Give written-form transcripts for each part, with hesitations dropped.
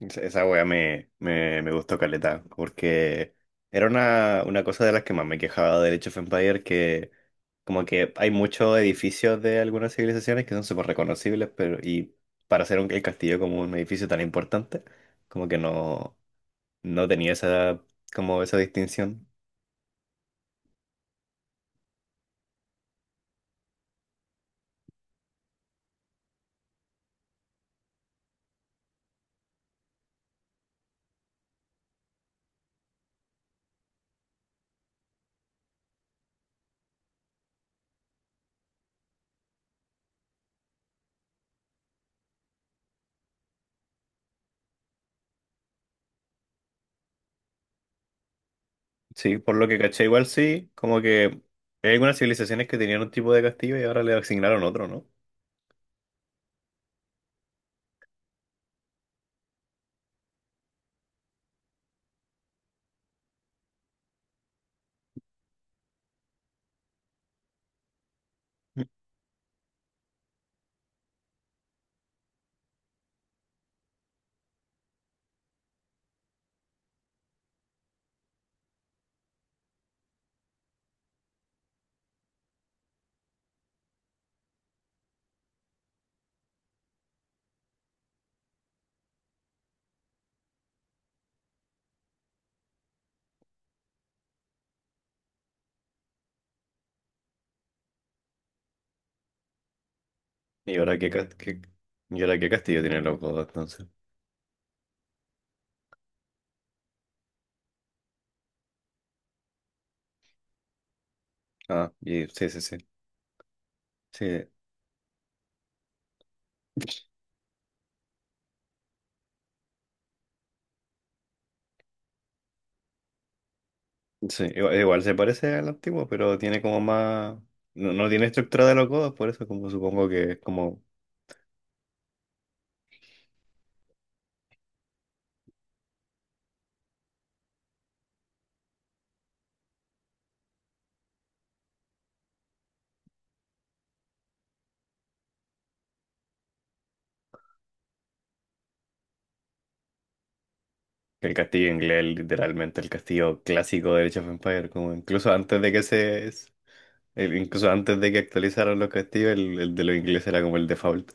Esa wea me gustó caleta, porque era una cosa de las que más me quejaba del Age of Empires, que como que hay muchos edificios de algunas civilizaciones que son súper reconocibles, pero y para hacer el castillo como un edificio tan importante, como que no, no tenía esa, como esa distinción. Sí, por lo que caché igual sí, como que hay algunas civilizaciones que tenían un tipo de castillo y ahora le asignaron otro, ¿no? ¿Y ahora qué... y ahora qué castillo tienen los godos entonces? Ah, y... sí, sí, sí. Sí, sí. Igual, igual se parece al antiguo, pero tiene como más. No, no tiene estructura de los godos, por eso como supongo que es como que el castillo inglés, literalmente el castillo clásico de Age of Empires, como incluso antes de que se. El incluso antes de que actualizaran los castillos, el de los ingleses era como el default.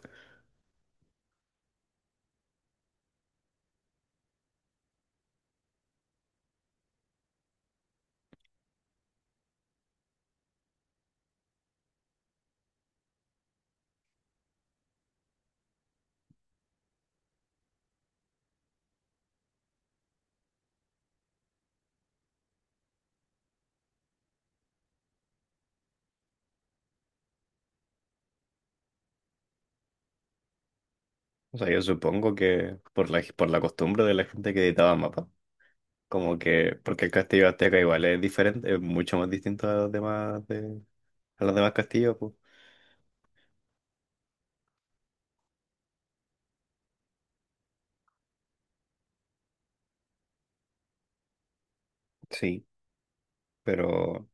O sea, yo supongo que por por la costumbre de la gente que editaba mapas, como que, porque el castillo azteca igual es diferente, es mucho más distinto a los demás, de... a los demás castillos, pues. Sí. Pero, o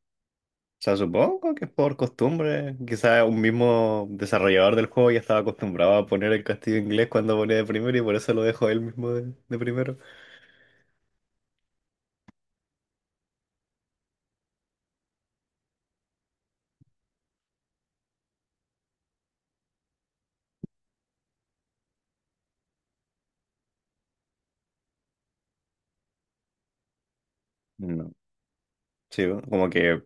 sea, supongo que es por costumbre. Quizás un mismo desarrollador del juego ya estaba acostumbrado a poner el castillo inglés cuando ponía de primero y por eso lo dejó él mismo de primero. No. Sí, ¿no? Como que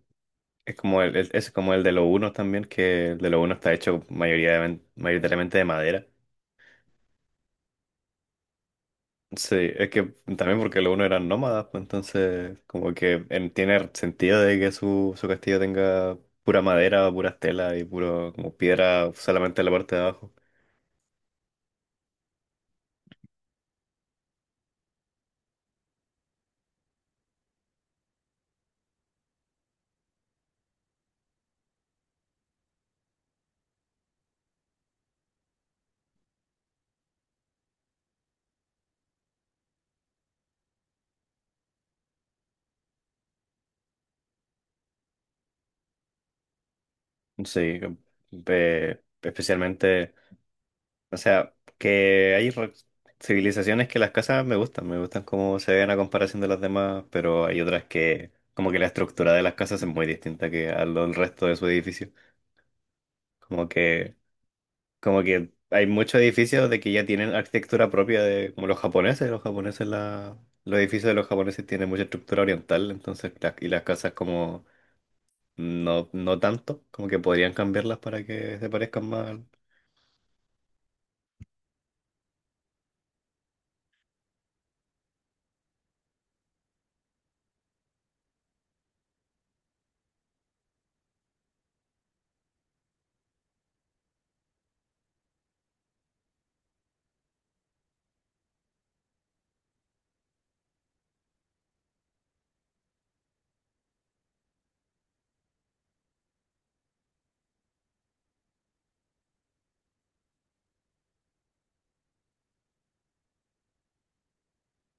es como es como el de los unos también, que el de los unos está hecho mayoría de... mayoritariamente de madera. Sí, es que también porque los unos eran nómadas, pues entonces como que en... tiene sentido de que su castillo tenga pura madera, pura tela y puro como piedra solamente en la parte de abajo. Sí, especialmente, o sea, que hay re- civilizaciones que las casas me gustan cómo se ven a comparación de las demás, pero hay otras que, como que la estructura de las casas es muy distinta que al del resto de su edificio. Como que, como que hay muchos edificios de que ya tienen arquitectura propia de, como los japoneses, la, los edificios de los japoneses tienen mucha estructura oriental, entonces, las... y las casas como... No, no tanto, como que podrían cambiarlas para que se parezcan más.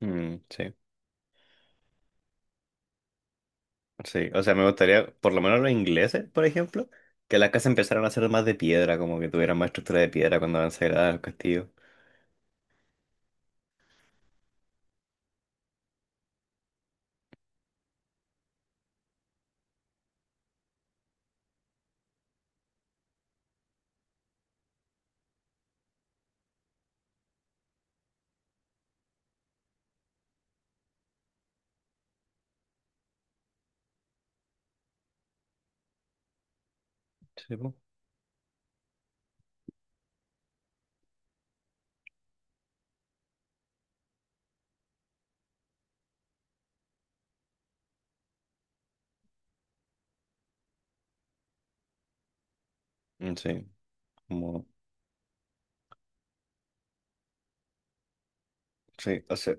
Mm, sí, sí. O sea, me gustaría, por lo menos los ingleses, por ejemplo, que las casas empezaran a ser más de piedra, como que tuvieran más estructura de piedra cuando avanzara al castillo. Sí, po. Mm, sí, como, sí,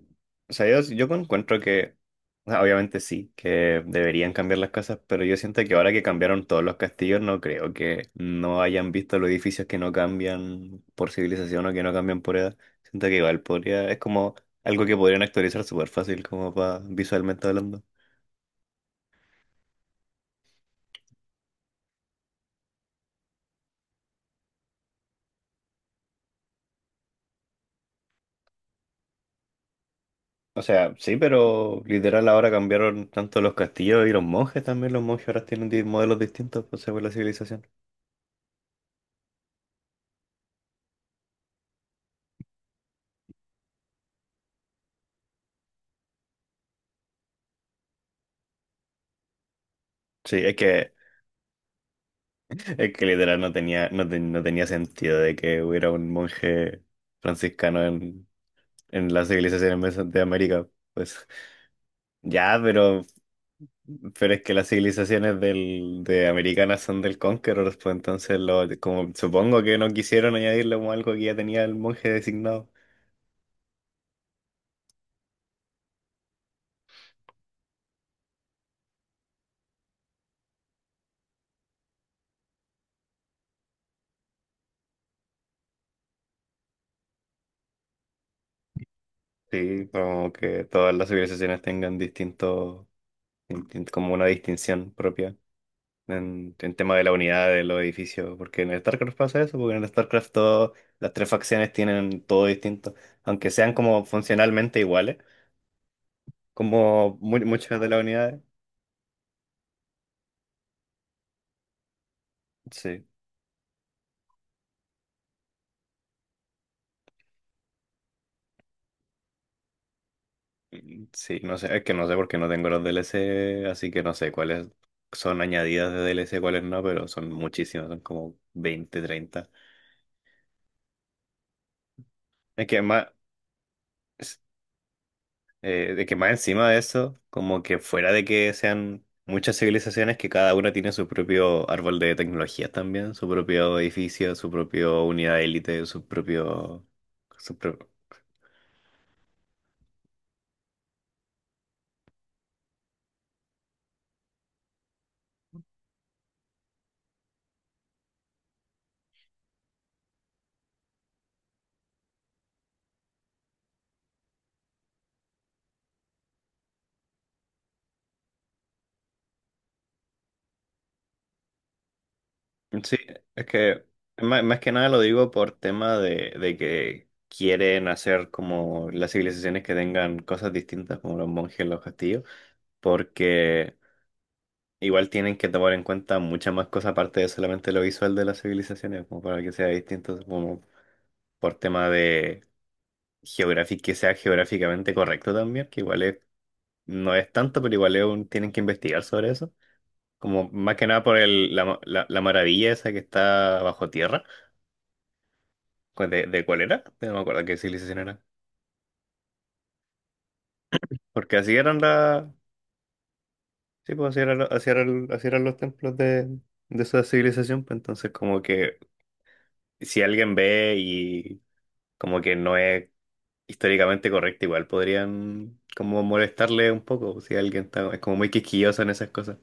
o sea, yo encuentro que, o sea, obviamente sí, que deberían cambiar las casas, pero yo siento que ahora que cambiaron todos los castillos, no creo que no hayan visto los edificios que no cambian por civilización o que no cambian por edad. Siento que igual podría, es como algo que podrían actualizar súper fácil, como para visualmente hablando. O sea, sí, pero literal ahora cambiaron tanto los castillos y los monjes también. Los monjes ahora tienen di- modelos distintos pues, según la civilización. Sí, es que literal no tenía, no, te- no tenía sentido de que hubiera un monje franciscano en las civilizaciones meso- de América. Pues ya, pero es que las civilizaciones de americanas son del Conqueror, pues entonces lo, como, supongo que no quisieron añadirle como algo que ya tenía el monje designado. Sí, como que todas las civilizaciones tengan distinto, distin- como una distinción propia en tema de la unidad de los edificios, porque en el StarCraft pasa eso, porque en el StarCraft todas las tres facciones tienen todo distinto, aunque sean como funcionalmente iguales, como mu- muchas de las unidades. Sí, sí, no sé, es que no sé porque no tengo los DLC, así que no sé cuáles son añadidas de DLC, cuáles no, pero son muchísimas, son como 20 30. Es que más... de que más encima de eso, como que fuera de que sean muchas civilizaciones que cada una tiene su propio árbol de tecnologías también, su propio edificio, su propio unidad élite, su propio... su pro- Sí, es que más, más que nada lo digo por tema de que quieren hacer como las civilizaciones que tengan cosas distintas, como los monjes, los castillos, porque... Igual tienen que tomar en cuenta muchas más cosas aparte de solamente lo visual de las civilizaciones, como para que sea distinto, como por tema de geográfico, que sea geográficamente correcto también, que igual es... no es tanto, pero igual es un... tienen que investigar sobre eso. Como más que nada por el, la- la maravilla esa que está bajo tierra. ¿Cu- de cuál era? No me acuerdo qué civilización era. Porque así eran la, sí, pues así era lo- así era el- así eran los templos de esa civilización. Pues entonces como que si alguien ve y como que no es históricamente correcta, igual podrían como molestarle un poco si alguien está, es como muy quisquilloso en esas cosas.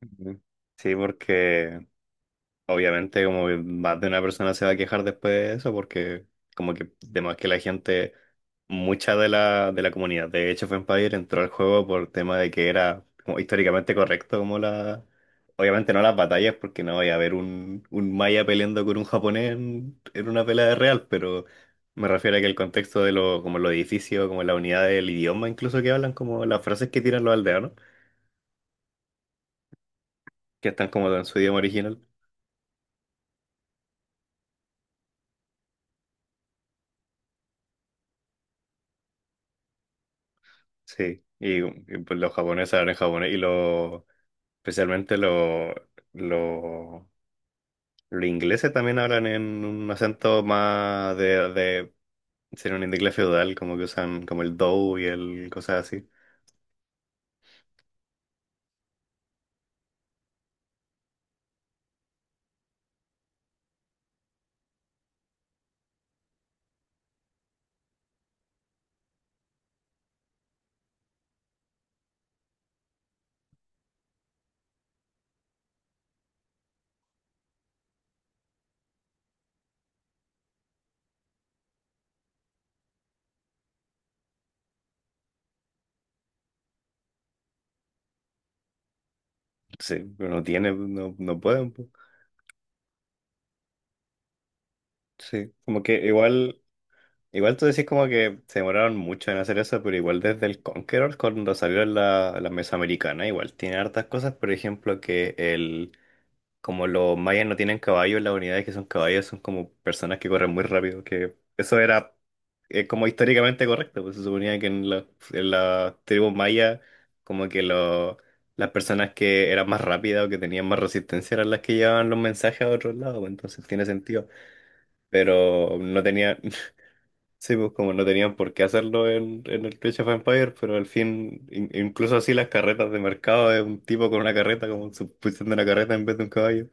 Ujú. Sí, porque obviamente, como que más de una persona se va a quejar después de eso, porque como que además que la gente, mucha de la comunidad de Age of Empires entró al juego por tema de que era como históricamente correcto, como la... Obviamente no las batallas, porque no voy a haber un maya peleando con un japonés en una pelea de real, pero me refiero a que el contexto de lo, como los edificios, como la unidad del idioma incluso que hablan, como las frases que tiran los aldeanos, que están como en su idioma original. Sí, y, pues, los japoneses hablan japonés y los, especialmente los, los ingleses también hablan en un acento más de ser un inglés feudal, como que usan como el do y el cosas así. Sí, pero no tiene, no, no pueden. Po. Sí, como que igual, igual tú decís como que se demoraron mucho en hacer eso, pero igual desde el Conqueror, cuando salió en la, la Mesoamericana, igual tiene hartas cosas, por ejemplo, que el... Como los mayas no tienen caballos, las unidades que son caballos son como personas que corren muy rápido, que eso era como históricamente correcto, pues se suponía que en la tribu maya como que lo- las personas que eran más rápidas o que tenían más resistencia eran las que llevaban los mensajes a otros lados, pues, entonces tiene sentido, pero no tenían, sí, pues como no tenían por qué hacerlo en el Clash of Empires, pero al fin, in- incluso así las carretas de mercado de un tipo con una carreta, como sustituyendo una carreta en vez de un caballo.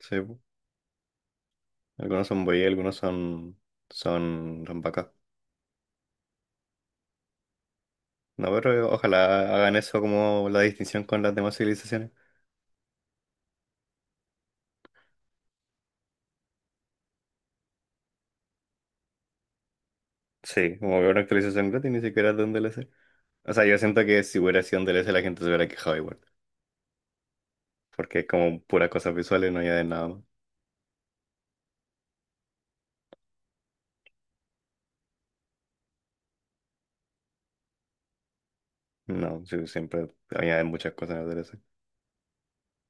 Sí, pues. Algunos son buey, algunos son, son, son... No, pero ojalá hagan eso como la distinción con las demás civilizaciones. Sí, como que una actualización gratis ni siquiera es de un DLC. O sea, yo siento que si hubiera sido un DLC la gente se hubiera quejado igual. Porque es como puras cosas visuales, no añaden nada más. No, sí, siempre añaden muchas cosas en el DLC.